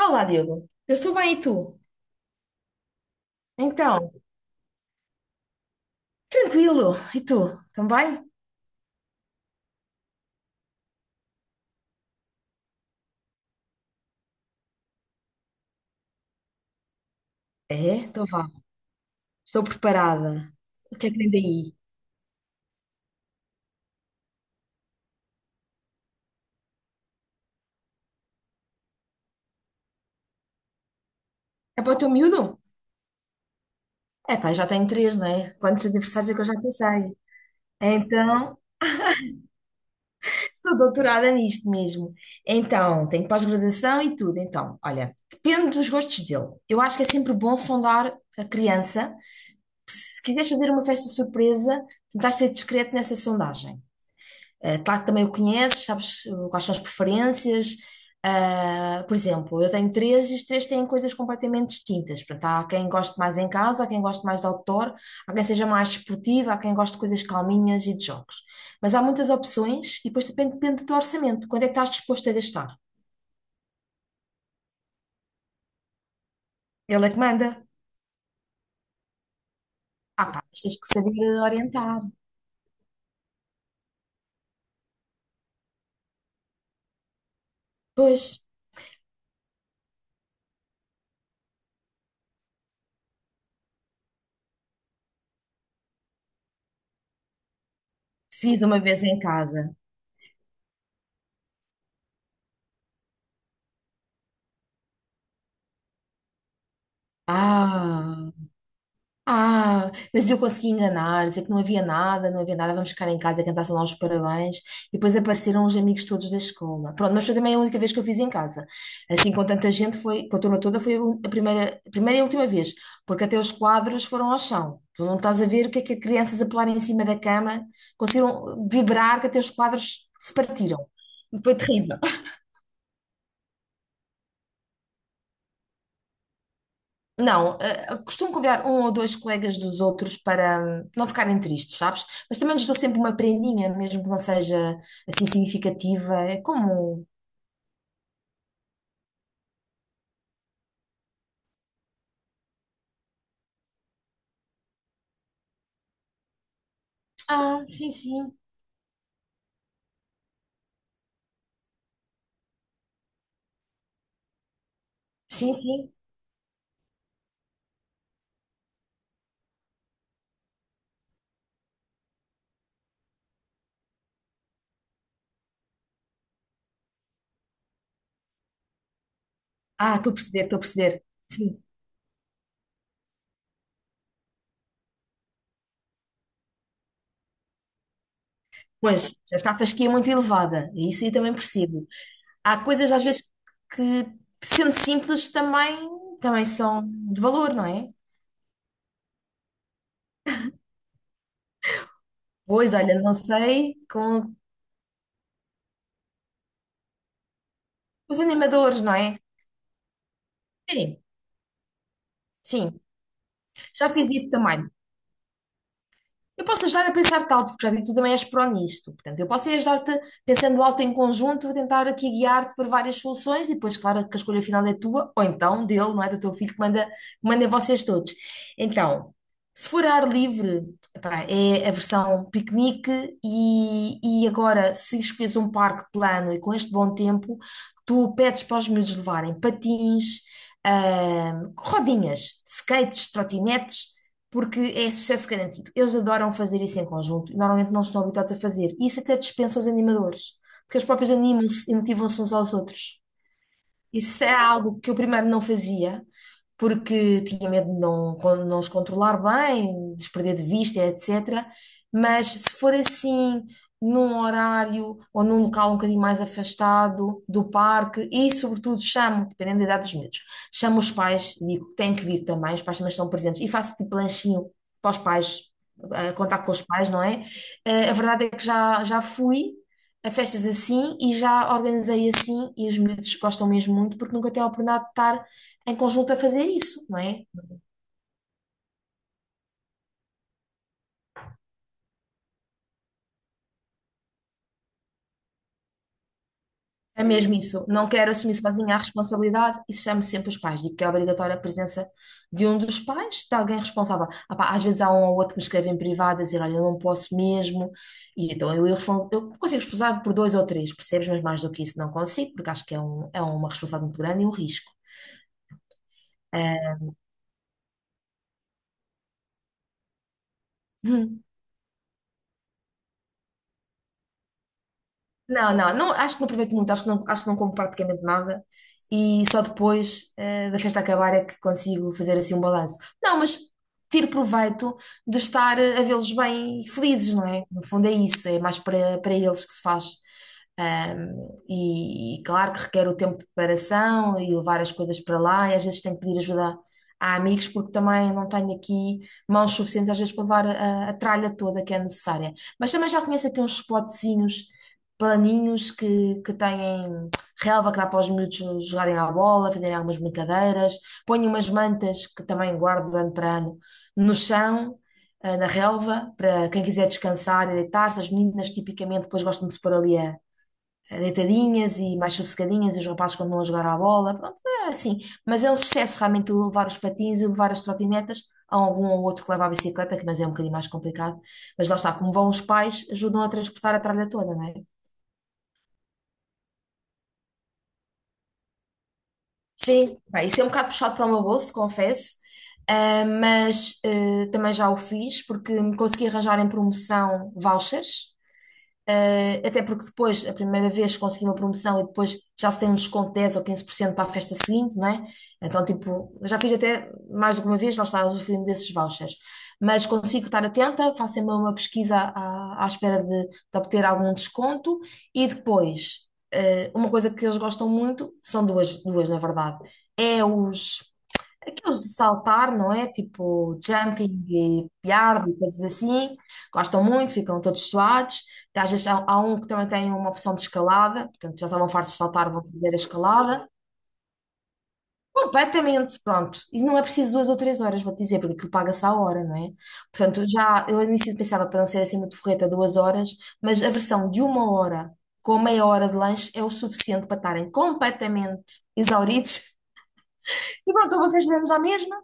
Olá, Diogo. Eu estou bem, e tu? Então, tranquilo. E tu? Também? É, então vá. Estou preparada. O que é que vem daí? É para o teu miúdo? É pá, já tenho três, não é? Quantos aniversários é que eu já passei? Então, sou doutorada nisto mesmo. Então, tenho pós-graduação e tudo. Então, olha, depende dos gostos dele. Eu acho que é sempre bom sondar a criança. Se quiseres fazer uma festa surpresa, tentar ser discreto nessa sondagem. Claro que também o conheces, sabes quais são as preferências. Ah, por exemplo, eu tenho três e os três têm coisas completamente distintas. Portanto, há quem goste mais em casa, há quem goste mais de outdoor, há quem seja mais esportivo, há quem goste de coisas calminhas e de jogos. Mas há muitas opções e depois depende do teu orçamento. Quando é que estás disposto a gastar? Ele é que manda. Ah, pá, mas tens que saber orientar. Pois, fiz uma vez em casa. Ah! Ah, mas eu consegui enganar, dizer que não havia nada, não havia nada, vamos ficar em casa e cantar só lá os parabéns. E depois apareceram os amigos todos da escola. Pronto, mas foi também a única vez que eu fiz em casa. Assim, com tanta gente, foi, com a turma toda, foi a primeira e última vez, porque até os quadros foram ao chão. Tu não estás a ver o que é que as crianças a pular em cima da cama conseguiram vibrar que até os quadros se partiram. Foi terrível. Não, costumo convidar um ou dois colegas dos outros para não ficarem tristes, sabes? Mas também lhes dou sempre uma prendinha, mesmo que não seja assim significativa. É como. Ah, sim, sim. Sim, sim. Ah, estou a perceber, estou a perceber. Sim. Pois, já está a fasquia muito elevada. E isso aí também percebo. Há coisas às vezes que, sendo simples, também são de valor, não é? Pois, olha, não sei, com os animadores, não é? Sim, sim. Já fiz isso também. Eu posso ajudar a pensar-te alto, porque já vi que tu também és pró nisto. Portanto, eu posso é ajudar-te pensando alto em conjunto, vou tentar aqui guiar-te para várias soluções e depois, claro, que a escolha final é tua, ou então dele, não é? Do teu filho que manda em vocês todos. Então, se for ar livre, epá, é a versão piquenique e agora, se escolhes um parque plano e com este bom tempo, tu pedes para os miúdos levarem patins, rodinhas, skates, trotinetes porque é sucesso garantido. Eles adoram fazer isso em conjunto e normalmente não estão habituados a fazer. E isso até dispensa os animadores, porque eles próprios animam-se e motivam-se uns aos outros. Isso é algo que eu primeiro não fazia, porque tinha medo de não, não os controlar bem, desprender de vista, etc. Mas se for assim, num horário ou num local um bocadinho mais afastado do parque, e sobretudo chamo, dependendo da idade dos miúdos, chamo os pais, e digo que têm que vir também, os pais também estão presentes, e faço tipo lanchinho para os pais, a contar com os pais, não é? A verdade é que já fui a festas assim e já organizei assim e os miúdos gostam mesmo muito porque nunca têm a oportunidade de estar em conjunto a fazer isso, não é? É mesmo isso. Não quero assumir sozinha a responsabilidade e chamo sempre os pais. Digo que é obrigatória a presença de um dos pais, de alguém responsável. Ah pá, às vezes há um ou outro que me escreve em privado a dizer, olha, eu não posso mesmo. E então eu, respondo, eu consigo responsabilizar por dois ou três, percebes? Mas mais do que isso não consigo, porque acho que é, um, é uma responsabilidade muito grande e um risco. Não, não, não, acho que não aproveito muito, acho que não como praticamente nada e só depois da festa acabar é que consigo fazer assim um balanço. Não, mas tiro proveito de estar a vê-los bem e felizes, não é? No fundo é isso, é mais para eles que se faz. E claro que requer o tempo de preparação e levar as coisas para lá, e às vezes tenho que pedir ajuda a amigos, porque também não tenho aqui mãos suficientes às vezes para levar a tralha toda que é necessária. Mas também já conheço aqui uns spotzinhos planinhos que têm relva que dá para os miúdos jogarem à bola, fazerem algumas brincadeiras, ponho umas mantas que também guardo de ano para ano no chão, na relva, para quem quiser descansar e deitar-se. As meninas tipicamente depois gostam de se pôr ali a deitadinhas e mais sossegadinhas, e os rapazes continuam a jogar à bola, pronto, é assim. Mas é um sucesso realmente o levar os patins e o levar as trotinetas. Há algum ou outro que leva a bicicleta, que mas é um bocadinho mais complicado. Mas lá está, como vão os pais, ajudam a transportar a tralha toda, não é? Sim, pá, isso é um bocado puxado para o meu bolso, confesso, ah, mas também já o fiz porque me consegui arranjar em promoção vouchers até porque depois, a primeira vez consegui uma promoção e depois já se tem um desconto de 10 ou 15% para a festa seguinte, não é? Então, tipo, eu já fiz até mais do que uma vez, lá está, usufruindo desses vouchers. Mas consigo estar atenta, faço sempre uma pesquisa à, à espera de obter algum desconto e depois, uma coisa que eles gostam muito, são duas, duas na verdade, é os aqueles de saltar, não é? Tipo jumping e yard e coisas assim. Gostam muito, ficam todos suados. Às vezes há um que também tem uma opção de escalada, portanto já estavam fartos de saltar, vão fazer a escalada. Completamente, pronto. E não é preciso 2 ou 3 horas, vou-te dizer, porque aquilo paga-se à hora, não é? Portanto, já, eu ao início pensava para não ser assim muito forreta, 2 horas, mas a versão de uma hora com meia hora de lanche é o suficiente para estarem completamente exauridos. E pronto, eu vou fazer à mesma.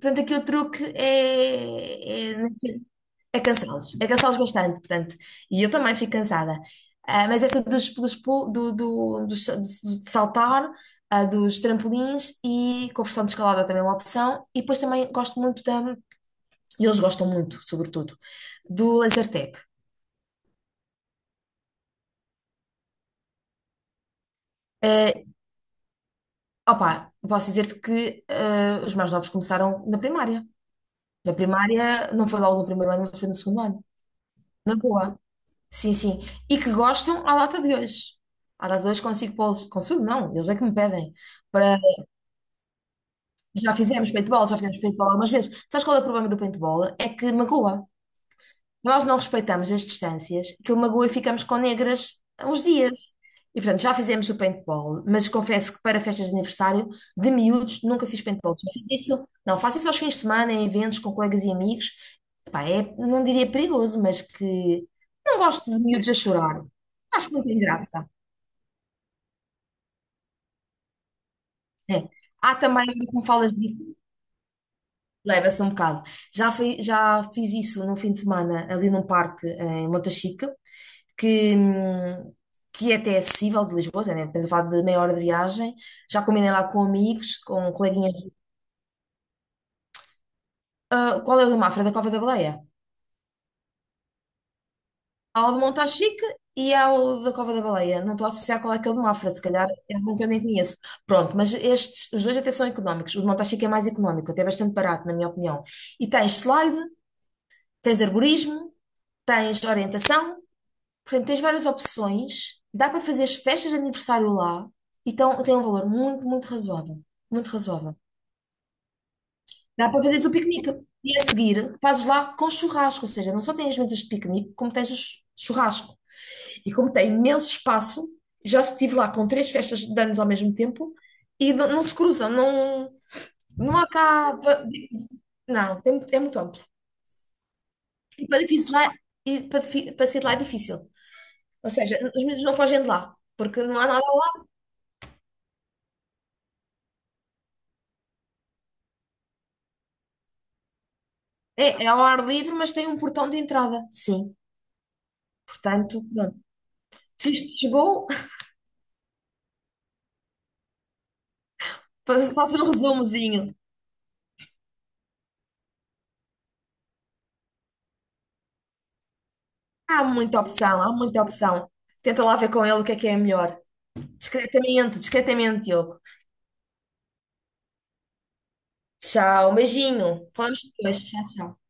Portanto, aqui o truque é, é, é cansá-los bastante, portanto. E eu também fico cansada. Ah, mas essa dos, dos, pul- do, do, dos- do- saltar, ah, dos trampolins e conversão de escalada também é uma opção. E depois também gosto muito da, e eles gostam muito, sobretudo, do laser tag. Eh, Opa, posso dizer-te que os mais novos começaram na primária. Na primária, não foi logo no primeiro ano, mas foi no segundo ano. Na boa. Sim, sim. E que gostam à data de hoje. À data de hoje consigo pô-los. Consigo, não, eles é que me pedem. Para... já fizemos paintball algumas vezes. Sabes qual é o problema do paintball? É que magoa, nós não respeitamos as distâncias, que o magoa e ficamos com negras uns dias. E portanto, já fizemos o paintball, mas confesso que para festas de aniversário, de miúdos, nunca fiz paintball. Já fiz isso, não, faço isso aos fins de semana, em eventos com colegas e amigos. Epá, é, não diria perigoso, mas que não gosto de miúdos a chorar. Acho que não tem graça. É. Há também, como falas disso, leva-se um bocado. Já fiz isso num fim de semana ali num parque em Montachique que, hum, que até é até acessível de Lisboa, né? Estamos a falar de meia hora de viagem. Já combinei lá com amigos, com coleguinhas. Ah, qual é o de Mafra? Da Cova da Baleia? Há o de Montachique e há o da Cova da Baleia. Não estou a associar qual é que é o de Mafra, se calhar é algum que eu nem conheço. Pronto, mas estes, os dois até são económicos. O de Montachique é mais económico, até bastante barato, na minha opinião. E tens slide, tens arborismo, tens orientação. Portanto, tens várias opções, dá para fazer as festas de aniversário lá, então tem um valor muito, muito razoável. Muito razoável. Dá para fazeres o piquenique. E a seguir, fazes lá com churrasco, ou seja, não só tens as mesas de piquenique, como tens o churrasco. E como tem imenso espaço, já estive lá com três festas de anos ao mesmo tempo e não, não se cruzam, não, não há cá. Não, é muito amplo. E para, difícil lá, e para, difi- para sair de lá é difícil. Ou seja, os miúdos não fogem de lá, porque não há nada. É, é ao ar livre, mas tem um portão de entrada. Sim. Portanto, pronto. Se isto te chegou, faça um resumozinho. Há muita opção, há muita opção. Tenta lá ver com ele o que é melhor. Discretamente, discretamente, Diogo. Tchau, beijinho. Falamos depois. Tchau, tchau.